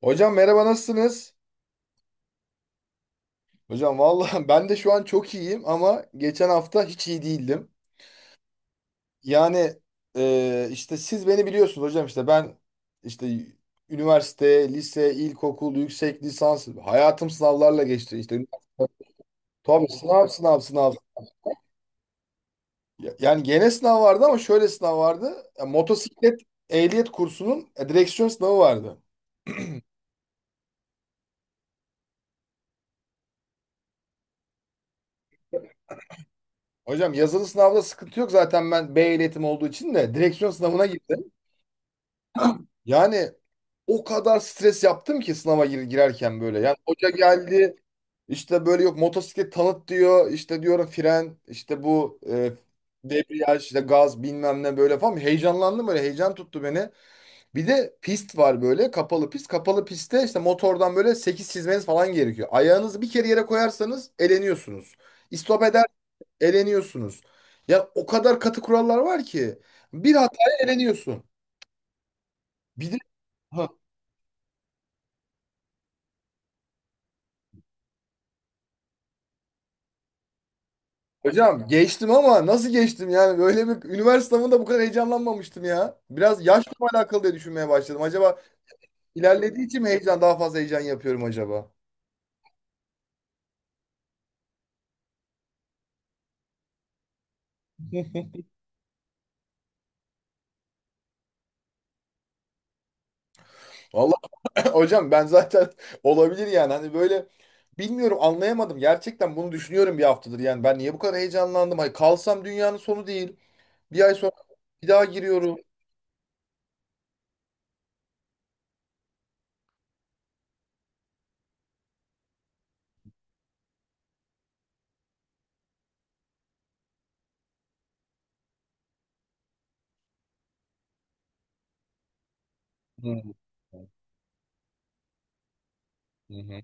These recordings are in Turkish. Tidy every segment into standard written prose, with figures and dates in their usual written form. Hocam merhaba, nasılsınız? Hocam vallahi ben de şu an çok iyiyim, ama geçen hafta hiç iyi değildim. Yani, işte siz beni biliyorsunuz hocam, işte ben işte üniversite, lise, ilkokul, yüksek lisans hayatım sınavlarla geçti. Tabii, sınav, sınav, sınav. Yani gene sınav vardı, ama şöyle sınav vardı. Ya, motosiklet ehliyet kursunun direksiyon sınavı vardı. Hocam, yazılı sınavda sıkıntı yok, zaten ben B ehliyetim olduğu için de direksiyon sınavına girdim. Yani o kadar stres yaptım ki sınava girerken böyle. Yani hoca geldi, işte böyle, yok motosiklet tanıt diyor. İşte diyorum fren, işte bu debriyaj, işte gaz, bilmem ne böyle falan. Heyecanlandım böyle, heyecan tuttu beni. Bir de pist var böyle, kapalı pist. Kapalı pistte işte motordan böyle 8 çizmeniz falan gerekiyor. Ayağınızı bir kere yere koyarsanız eleniyorsunuz. İstop eder, eleniyorsunuz. Ya o kadar katı kurallar var ki bir hataya eleniyorsun. Bir de. Hocam geçtim, ama nasıl geçtim, yani böyle bir üniversite sınavında bu kadar heyecanlanmamıştım ya. Biraz yaşla mı alakalı diye düşünmeye başladım. Acaba ilerlediği için mi heyecan, daha fazla heyecan yapıyorum acaba? Vallahi hocam ben zaten, olabilir, yani hani böyle, bilmiyorum, anlayamadım. Gerçekten bunu düşünüyorum bir haftadır, yani ben niye bu kadar heyecanlandım? Hani kalsam dünyanın sonu değil. Bir ay sonra bir daha giriyorum. Hı hı. Hı hı.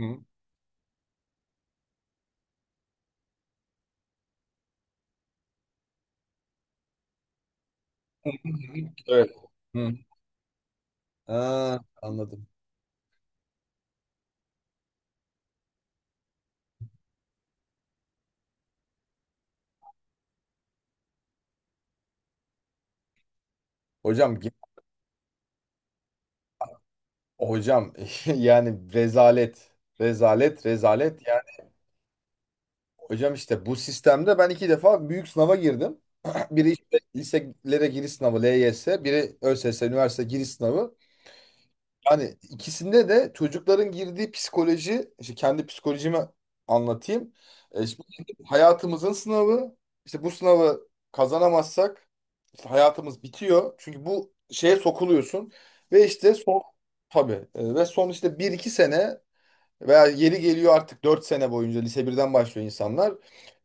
Hı. Evet. Hı. Ha, anladım. Hocam Hocam, yani rezalet, rezalet, rezalet. Yani hocam, işte bu sistemde ben iki defa büyük sınava girdim. Biri işte liselere giriş sınavı LYS, biri ÖSS üniversite giriş sınavı. Yani ikisinde de çocukların girdiği psikoloji, işte kendi psikolojimi anlatayım. Şimdi hayatımızın sınavı, işte bu sınavı kazanamazsak işte hayatımız bitiyor. Çünkü bu şeye sokuluyorsun ve işte son. Tabii. Ve son, işte bir iki sene veya yeri geliyor, artık 4 sene boyunca lise birden başlıyor insanlar.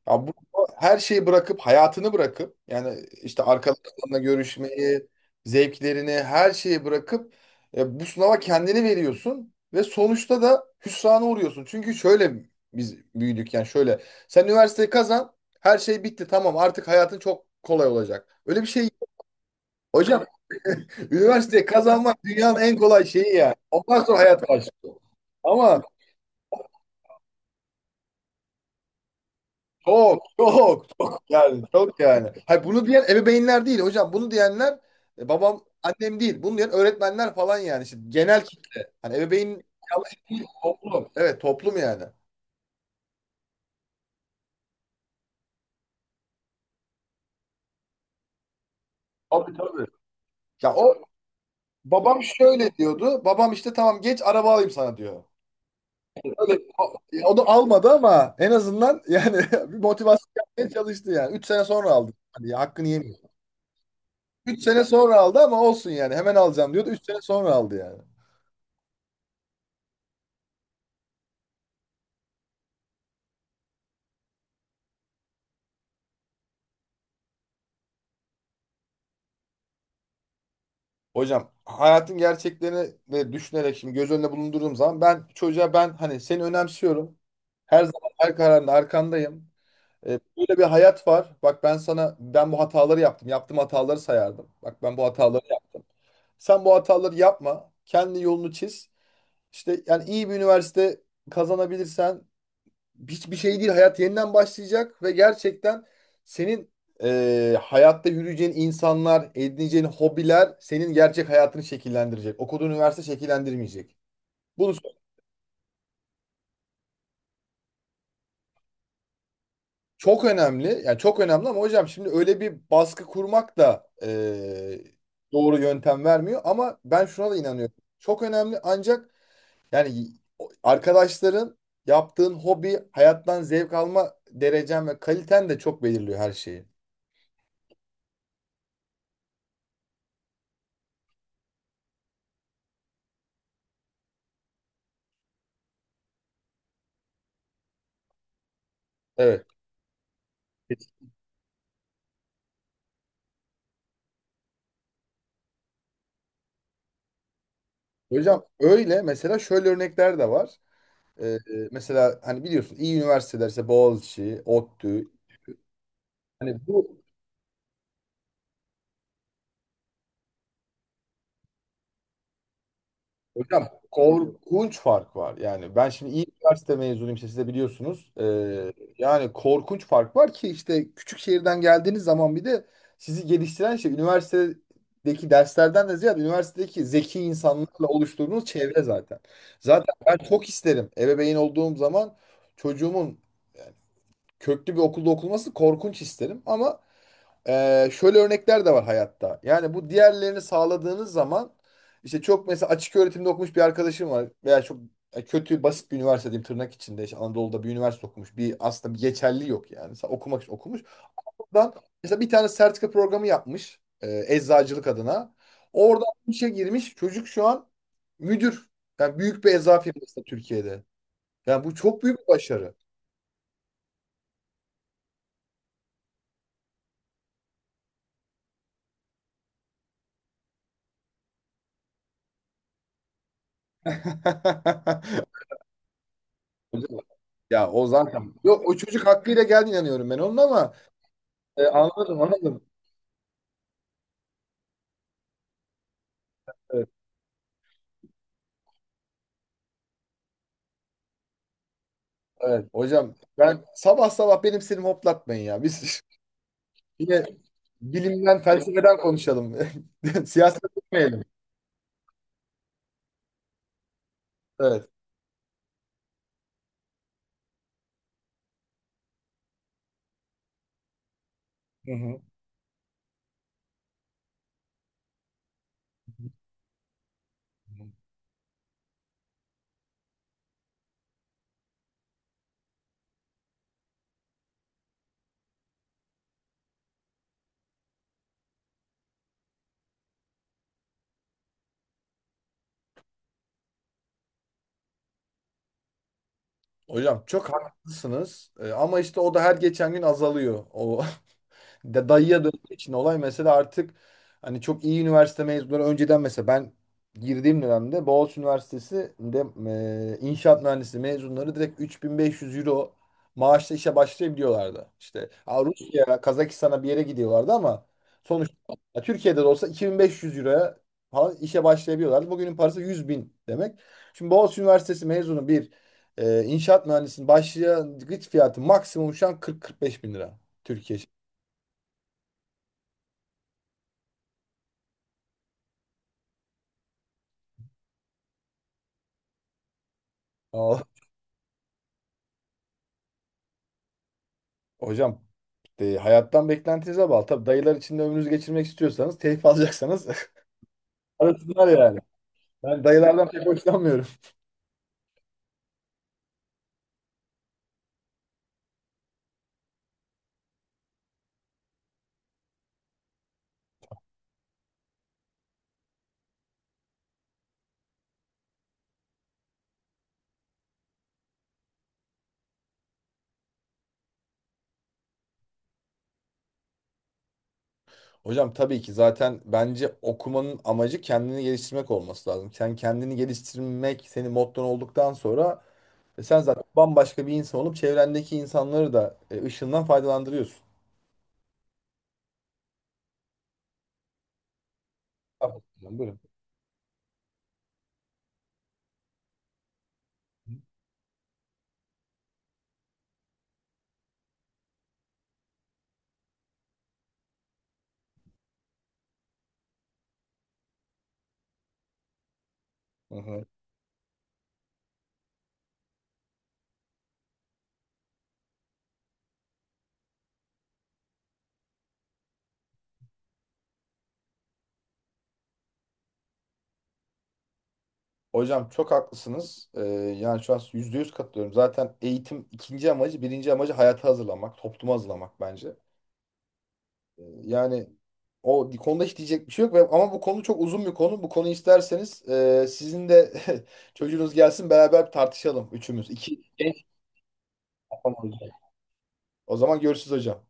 Ya bu her şeyi bırakıp, hayatını bırakıp, yani işte arkadaşlarına görüşmeyi, zevklerini, her şeyi bırakıp bu sınava kendini veriyorsun ve sonuçta da hüsrana uğruyorsun. Çünkü şöyle biz büyüdük, yani şöyle. Sen üniversiteyi kazan, her şey bitti, tamam, artık hayatın çok kolay olacak. Öyle bir şey yok. Hocam, üniversiteyi kazanmak dünyanın en kolay şeyi yani. Ondan sonra hayat başlıyor. Ama çok çok çok, yani çok yani. Hayır, bunu diyen ebeveynler değil hocam. Bunu diyenler babam annem değil. Bunu diyen öğretmenler falan yani. İşte genel kitle. Hani ebeveyn yanlış değil, toplum. Evet, toplum yani. Tabii tabii. Ya o, babam şöyle diyordu. Babam işte, tamam geç araba alayım sana diyor. Öyle, o, o da almadı ama en azından yani, bir motivasyon yapmaya çalıştı yani. 3 sene sonra aldı. Hani ya, hakkını yemiyor. 3 sene sonra aldı ama olsun yani. Hemen alacağım diyordu. 3 sene sonra aldı yani. Hocam, hayatın gerçeklerini ve düşünerek şimdi göz önüne bulundurduğum zaman, ben çocuğa, ben hani seni önemsiyorum. Her zaman her kararında arkandayım. Böyle bir hayat var. Bak ben sana, ben bu hataları yaptım. Yaptığım hataları sayardım. Bak ben bu hataları yaptım. Sen bu hataları yapma. Kendi yolunu çiz. İşte yani iyi bir üniversite kazanabilirsen hiçbir şey değil. Hayat yeniden başlayacak ve gerçekten senin hayatta yürüyeceğin insanlar, edineceğin hobiler senin gerçek hayatını şekillendirecek. Okuduğun üniversite şekillendirmeyecek. Bu çok önemli. Yani çok önemli, ama hocam şimdi öyle bir baskı kurmak da doğru yöntem vermiyor. Ama ben şuna da inanıyorum. Çok önemli, ancak yani arkadaşların, yaptığın hobi, hayattan zevk alma derecen ve kaliten de çok belirliyor her şeyi. Evet. Hocam öyle, mesela şöyle örnekler de var. Ee, e, mesela hani biliyorsun iyi üniversiteler işte Boğaziçi, ODTÜ. Hani bu. Hocam, korkunç fark var. Yani ben şimdi iyi üniversite mezunuyum, işte siz de biliyorsunuz. Yani korkunç fark var ki, işte küçük şehirden geldiğiniz zaman, bir de sizi geliştiren şey üniversitedeki derslerden de ziyade üniversitedeki zeki insanlarla oluşturduğunuz çevre zaten. Zaten ben çok isterim, ebeveyn olduğum zaman çocuğumun köklü bir okulda okunması, korkunç isterim, ama şöyle örnekler de var hayatta. Yani bu diğerlerini sağladığınız zaman, işte çok, mesela açık öğretimde okumuş bir arkadaşım var, veya çok kötü, basit bir üniversite diyeyim tırnak içinde, işte Anadolu'da bir üniversite okumuş. Bir aslında bir geçerli yok yani. Okumak için okumuş. Oradan mesela bir tane sertifika programı yapmış eczacılık adına. Oradan işe girmiş. Çocuk şu an müdür. Yani büyük bir eczacı firması da Türkiye'de. Yani bu çok büyük bir başarı. Hocam. Ya o zaten yok, o çocuk hakkıyla geldi inanıyorum ben onun, ama anladım, anladım. Evet, evet. Hocam ben sabah sabah benim sinirimi hoplatmayın ya. Biz yine bilimden, felsefeden konuşalım. Siyaset etmeyelim. Evet. Hı hı. Hocam çok haklısınız, ama işte o da her geçen gün azalıyor. O, de dayıya döndüğü için olay, mesela artık hani çok iyi üniversite mezunları, önceden mesela ben girdiğim dönemde Boğaziçi Üniversitesi'nde inşaat mühendisliği mezunları direkt 3.500 euro maaşla işe başlayabiliyorlardı. İşte ha, Rusya'ya, Kazakistan'a bir yere gidiyorlardı, ama sonuçta ya Türkiye'de de olsa 2.500 euroya falan işe başlayabiliyorlardı. Bugünün parası 100 bin demek. Şimdi Boğaziçi Üniversitesi mezunu bir inşaat mühendisinin başlangıç fiyatı maksimum şu an 40-45 bin lira Türkiye için. Hocam, hayattan beklentinize bağlı. Tabii, dayılar içinde ömrünüzü geçirmek istiyorsanız, keyif alacaksanız, arasınlar yani. Ben dayılardan pek hoşlanmıyorum. Hocam, tabii ki, zaten bence okumanın amacı kendini geliştirmek olması lazım. Sen kendini geliştirmek senin motton olduktan sonra, sen zaten bambaşka bir insan olup çevrendeki insanları da ışığından faydalandırıyorsun. Tabii. Buyurun. Hı hı. Hocam çok haklısınız. Yani şu an %100 katılıyorum. Zaten eğitim ikinci amacı, birinci amacı hayata hazırlamak, topluma hazırlamak bence. Yani o konuda hiç diyecek bir şey yok. Ama bu konu çok uzun bir konu. Bu konuyu isterseniz sizin de çocuğunuz gelsin, beraber tartışalım üçümüz. İki. O zaman görüşürüz hocam.